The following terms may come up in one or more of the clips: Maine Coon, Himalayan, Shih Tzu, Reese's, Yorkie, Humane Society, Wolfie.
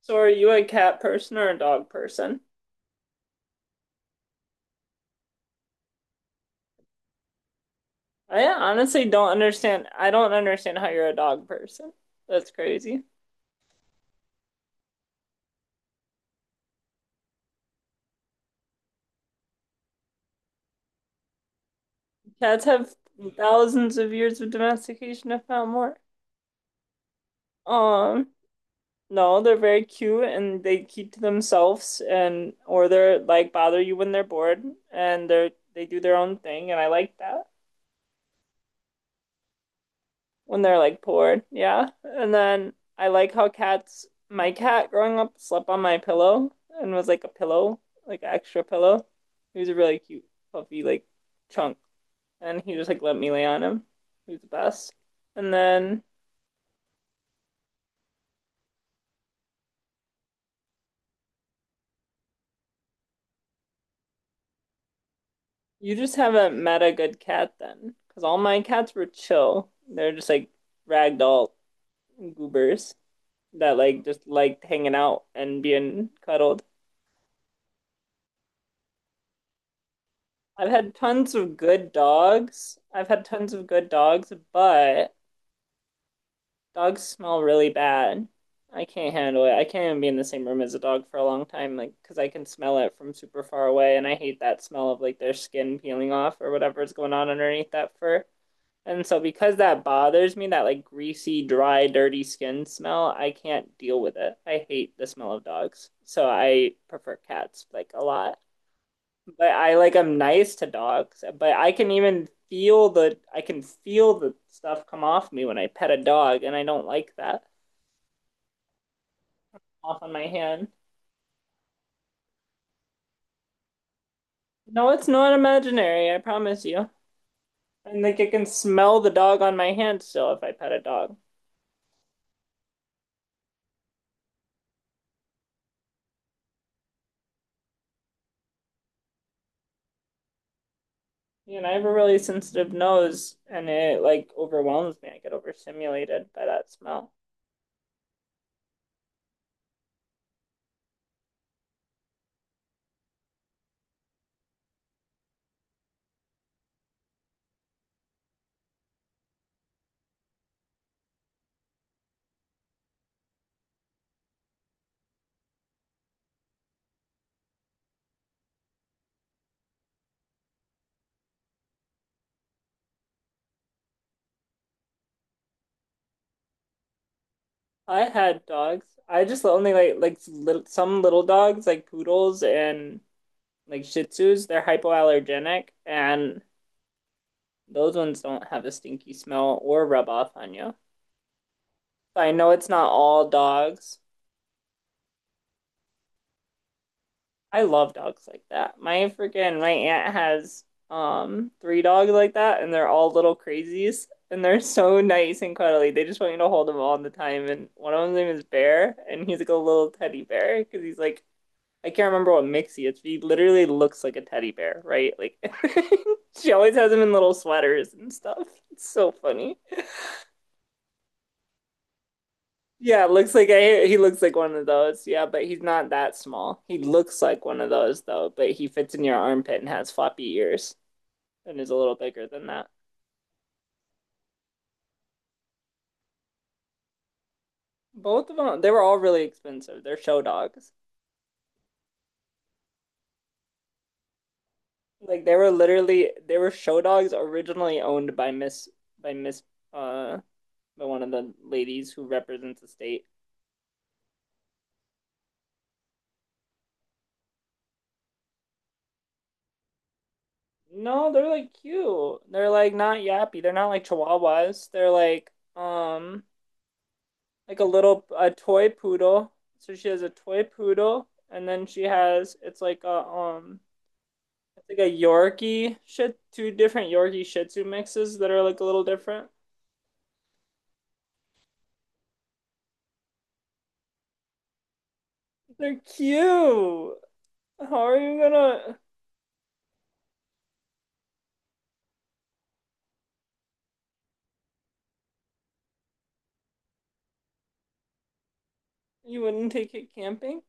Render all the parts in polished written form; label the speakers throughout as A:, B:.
A: So are you a cat person or a dog person? I honestly don't understand. I don't understand how you're a dog person. That's crazy. Cats have thousands of years of domestication, if not more. Um, no, they're very cute and they keep to themselves, and or they're like bother you when they're bored, and they do their own thing and I like that. When they're like bored. Yeah. And then I like how cats, my cat growing up slept on my pillow and was like a pillow, like extra pillow. He was a really cute, puffy, like chunk. And he just like let me lay on him. He was the best. And then you just haven't met a good cat then. Because all my cats were chill. They're just like ragdoll goobers that like just liked hanging out and being cuddled. I've had tons of good dogs. I've had tons of good dogs, but dogs smell really bad. I can't handle it. I can't even be in the same room as a dog for a long time, like, because I can smell it from super far away, and I hate that smell of like their skin peeling off or whatever is going on underneath that fur. And so, because that bothers me, that like greasy, dry, dirty skin smell, I can't deal with it. I hate the smell of dogs. So, I prefer cats like a lot. But I like I'm nice to dogs, but I can even feel the I can feel the stuff come off me when I pet a dog, and I don't like that off on my hand. No, it's not imaginary, I promise you. And like I can smell the dog on my hand still if I pet a dog. You know, I have a really sensitive nose and it like overwhelms me. I get overstimulated by that smell. I had dogs. I just only like little, some little dogs like poodles and like Shih Tzus, they're hypoallergenic and those ones don't have a stinky smell or rub off on you. So I know it's not all dogs. I love dogs like that. My freaking my aunt has three dogs like that, and they're all little crazies, and they're so nice and cuddly. They just want you to hold them all the time. And one of them's name is Bear, and he's like a little teddy bear because he's like I can't remember what mix he is. He literally looks like a teddy bear, right? Like she always has him in little sweaters and stuff. It's so funny. Yeah, looks like I, he looks like one of those. Yeah, but he's not that small. He looks like one of those though, but he fits in your armpit and has floppy ears and is a little bigger than that. Both of them, they were all really expensive. They're show dogs. Like they were literally they were show dogs originally owned by Miss by Miss uh by one of the ladies who represents the state. No, they're like cute. They're like not yappy. They're not like chihuahuas. They're um like a little a toy poodle. So she has a toy poodle, and then she has it's like a Yorkie shit two different Yorkie Shih Tzu mixes that are like a little different. They're cute. How are you gonna? You wouldn't take it camping?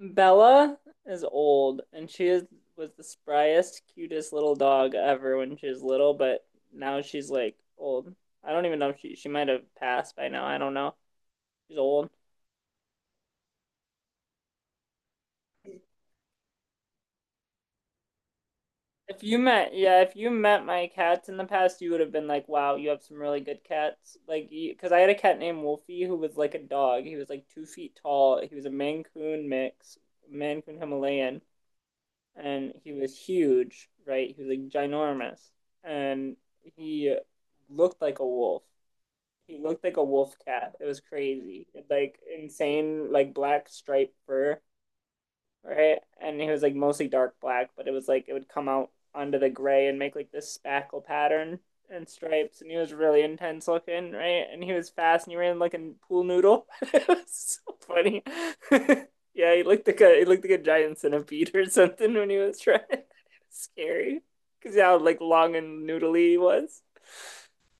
A: Bella is old, and she is was the spryest, cutest little dog ever when she was little, but now she's like old. I don't even know if she might have passed by now. I don't know. She's old. If you met, yeah, if you met my cats in the past, you would have been like, wow, you have some really good cats. Like, because I had a cat named Wolfie who was like a dog. He was like 2 feet tall. He was a Maine Coon mix, Maine Coon Himalayan, and he was huge, right? He was like ginormous. And he looked like a wolf. He looked like a wolf cat. It was crazy. It, like insane, like black striped fur right? And it was like mostly dark black, but it was like it would come out onto the gray and make like this spackle pattern and stripes. And he was really intense looking, right? And he was fast, and he ran like a pool noodle. It was so funny. Yeah, he looked like a he looked like a giant centipede or something when he was trying. It was scary because how like long and noodly he was.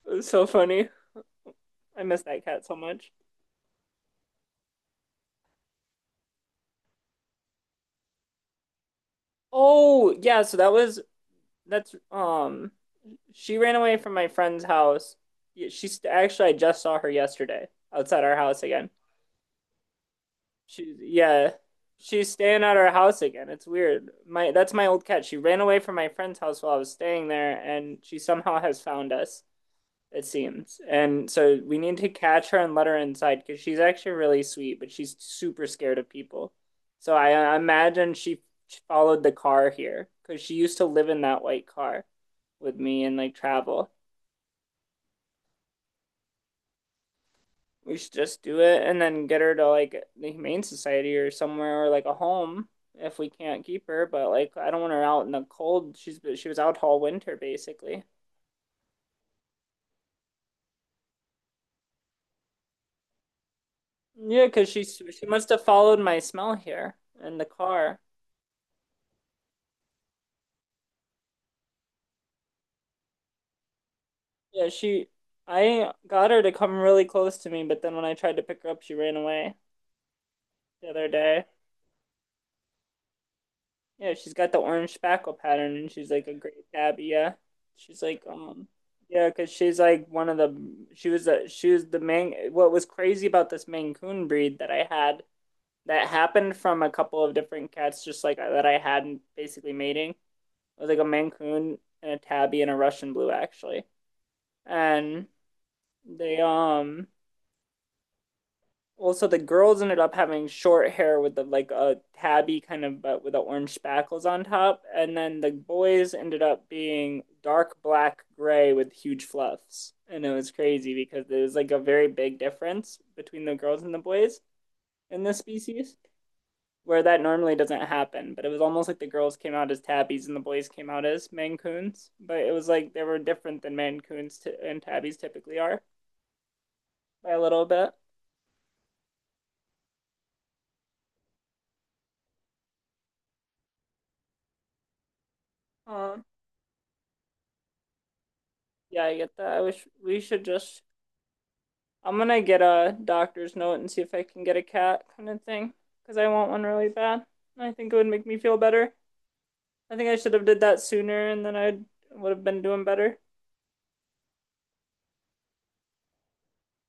A: It was so funny. I miss that cat so much. Oh yeah, so that was that's she ran away from my friend's house. Yeah, she's actually, I just saw her yesterday outside our house again. She's, yeah, she's staying at our house again. It's weird. My, that's my old cat. She ran away from my friend's house while I was staying there, and she somehow has found us, it seems. And so we need to catch her and let her inside because she's actually really sweet, but she's super scared of people. So I imagine she followed the car here because she used to live in that white car with me and like travel. We should just do it and then get her to like the Humane Society or somewhere or like a home if we can't keep her. But like, I don't want her out in the cold. She was out all winter basically. Yeah, because she must have followed my smell here in the car. Yeah, she I got her to come really close to me, but then when I tried to pick her up, she ran away the other day. Yeah, she's got the orange spackle pattern, and she's like a great tabby. Yeah, she's like yeah, because she's like one of the she was a she was the main. What was crazy about this Maine Coon breed that I had that happened from a couple of different cats, just like that I had basically mating. It was like a Maine Coon and a tabby and a Russian blue actually, and they also, the girls ended up having short hair with the like a tabby kind of but with the orange spackles on top, and then the boys ended up being dark black gray with huge fluffs. And it was crazy because there was like a very big difference between the girls and the boys in this species, where that normally doesn't happen. But it was almost like the girls came out as tabbies and the boys came out as mancoons. But it was like they were different than mancoons t- and tabbies typically are by a little bit. Um, yeah, I get that. I wish we should just I'm gonna get a doctor's note and see if I can get a cat kind of thing because I want one really bad. I think it would make me feel better. I think I should have did that sooner and then I would have been doing better.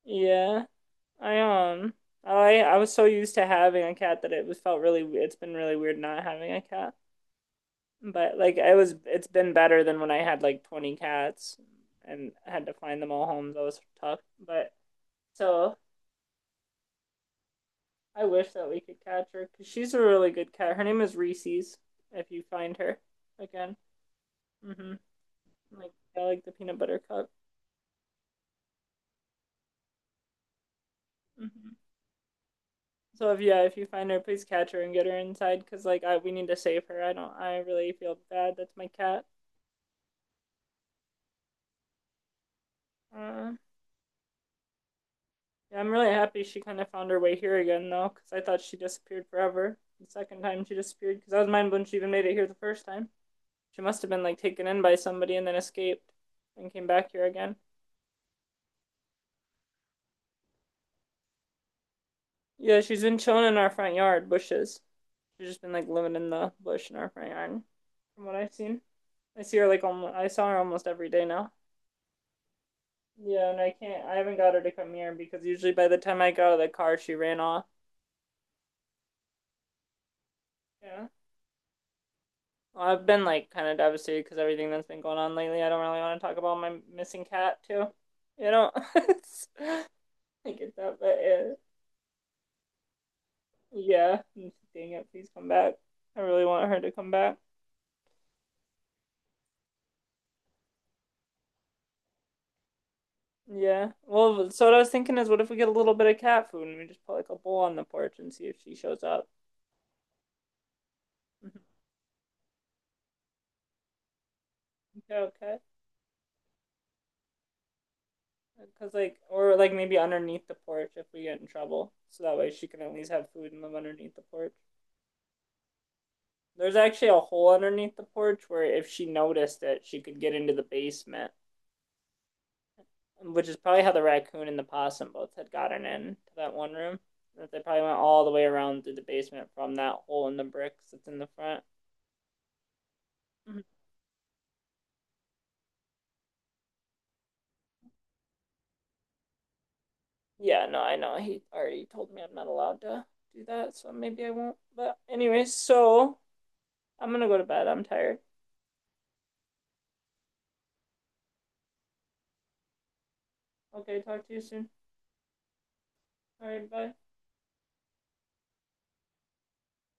A: Yeah, I I was so used to having a cat that it was felt really it's been really weird not having a cat. But like I was it's been better than when I had like 20 cats and I had to find them all homes. That was tough. But so I wish that we could catch her because she's a really good cat. Her name is Reese's. If you find her again, mm-hmm. Like I like the peanut butter cup. Mm-hmm. So if yeah, if you find her, please catch her and get her inside because like I we need to save her. I don't. I really feel bad. That's my cat. Uh, yeah, I'm really happy she kind of found her way here again though because I thought she disappeared forever. The second time she disappeared because I was mind blown she even made it here the first time. She must have been like taken in by somebody and then escaped and came back here again. Yeah, she's been chilling in our front yard, bushes. She's just been like living in the bush in our front yard, from what I've seen. I see her like almost, I saw her almost every day now. Yeah, and I can't, I haven't got her to come here because usually by the time I got out of the car, she ran off. Yeah. Well, I've been like kind of devastated because everything that's been going on lately. I don't really want to talk about my missing cat too. You know, it's- I get that, but yeah, dang it, please come back. I really want her to come back. Yeah. Well, so what I was thinking is, what if we get a little bit of cat food and we just put like a bowl on the porch and see if she shows up? Mhm. Okay, okay. Because like, or like maybe underneath the porch if we get in trouble, so that way she can at least have food and live underneath the porch. There's actually a hole underneath the porch where if she noticed it, she could get into the basement, which is probably how the raccoon and the possum both had gotten in to that one room. That they probably went all the way around through the basement from that hole in the bricks that's in the front. Yeah, no, I know. He already told me I'm not allowed to do that, so maybe I won't. But anyways, so I'm gonna go to bed. I'm tired. Okay, talk to you soon. All right, bye.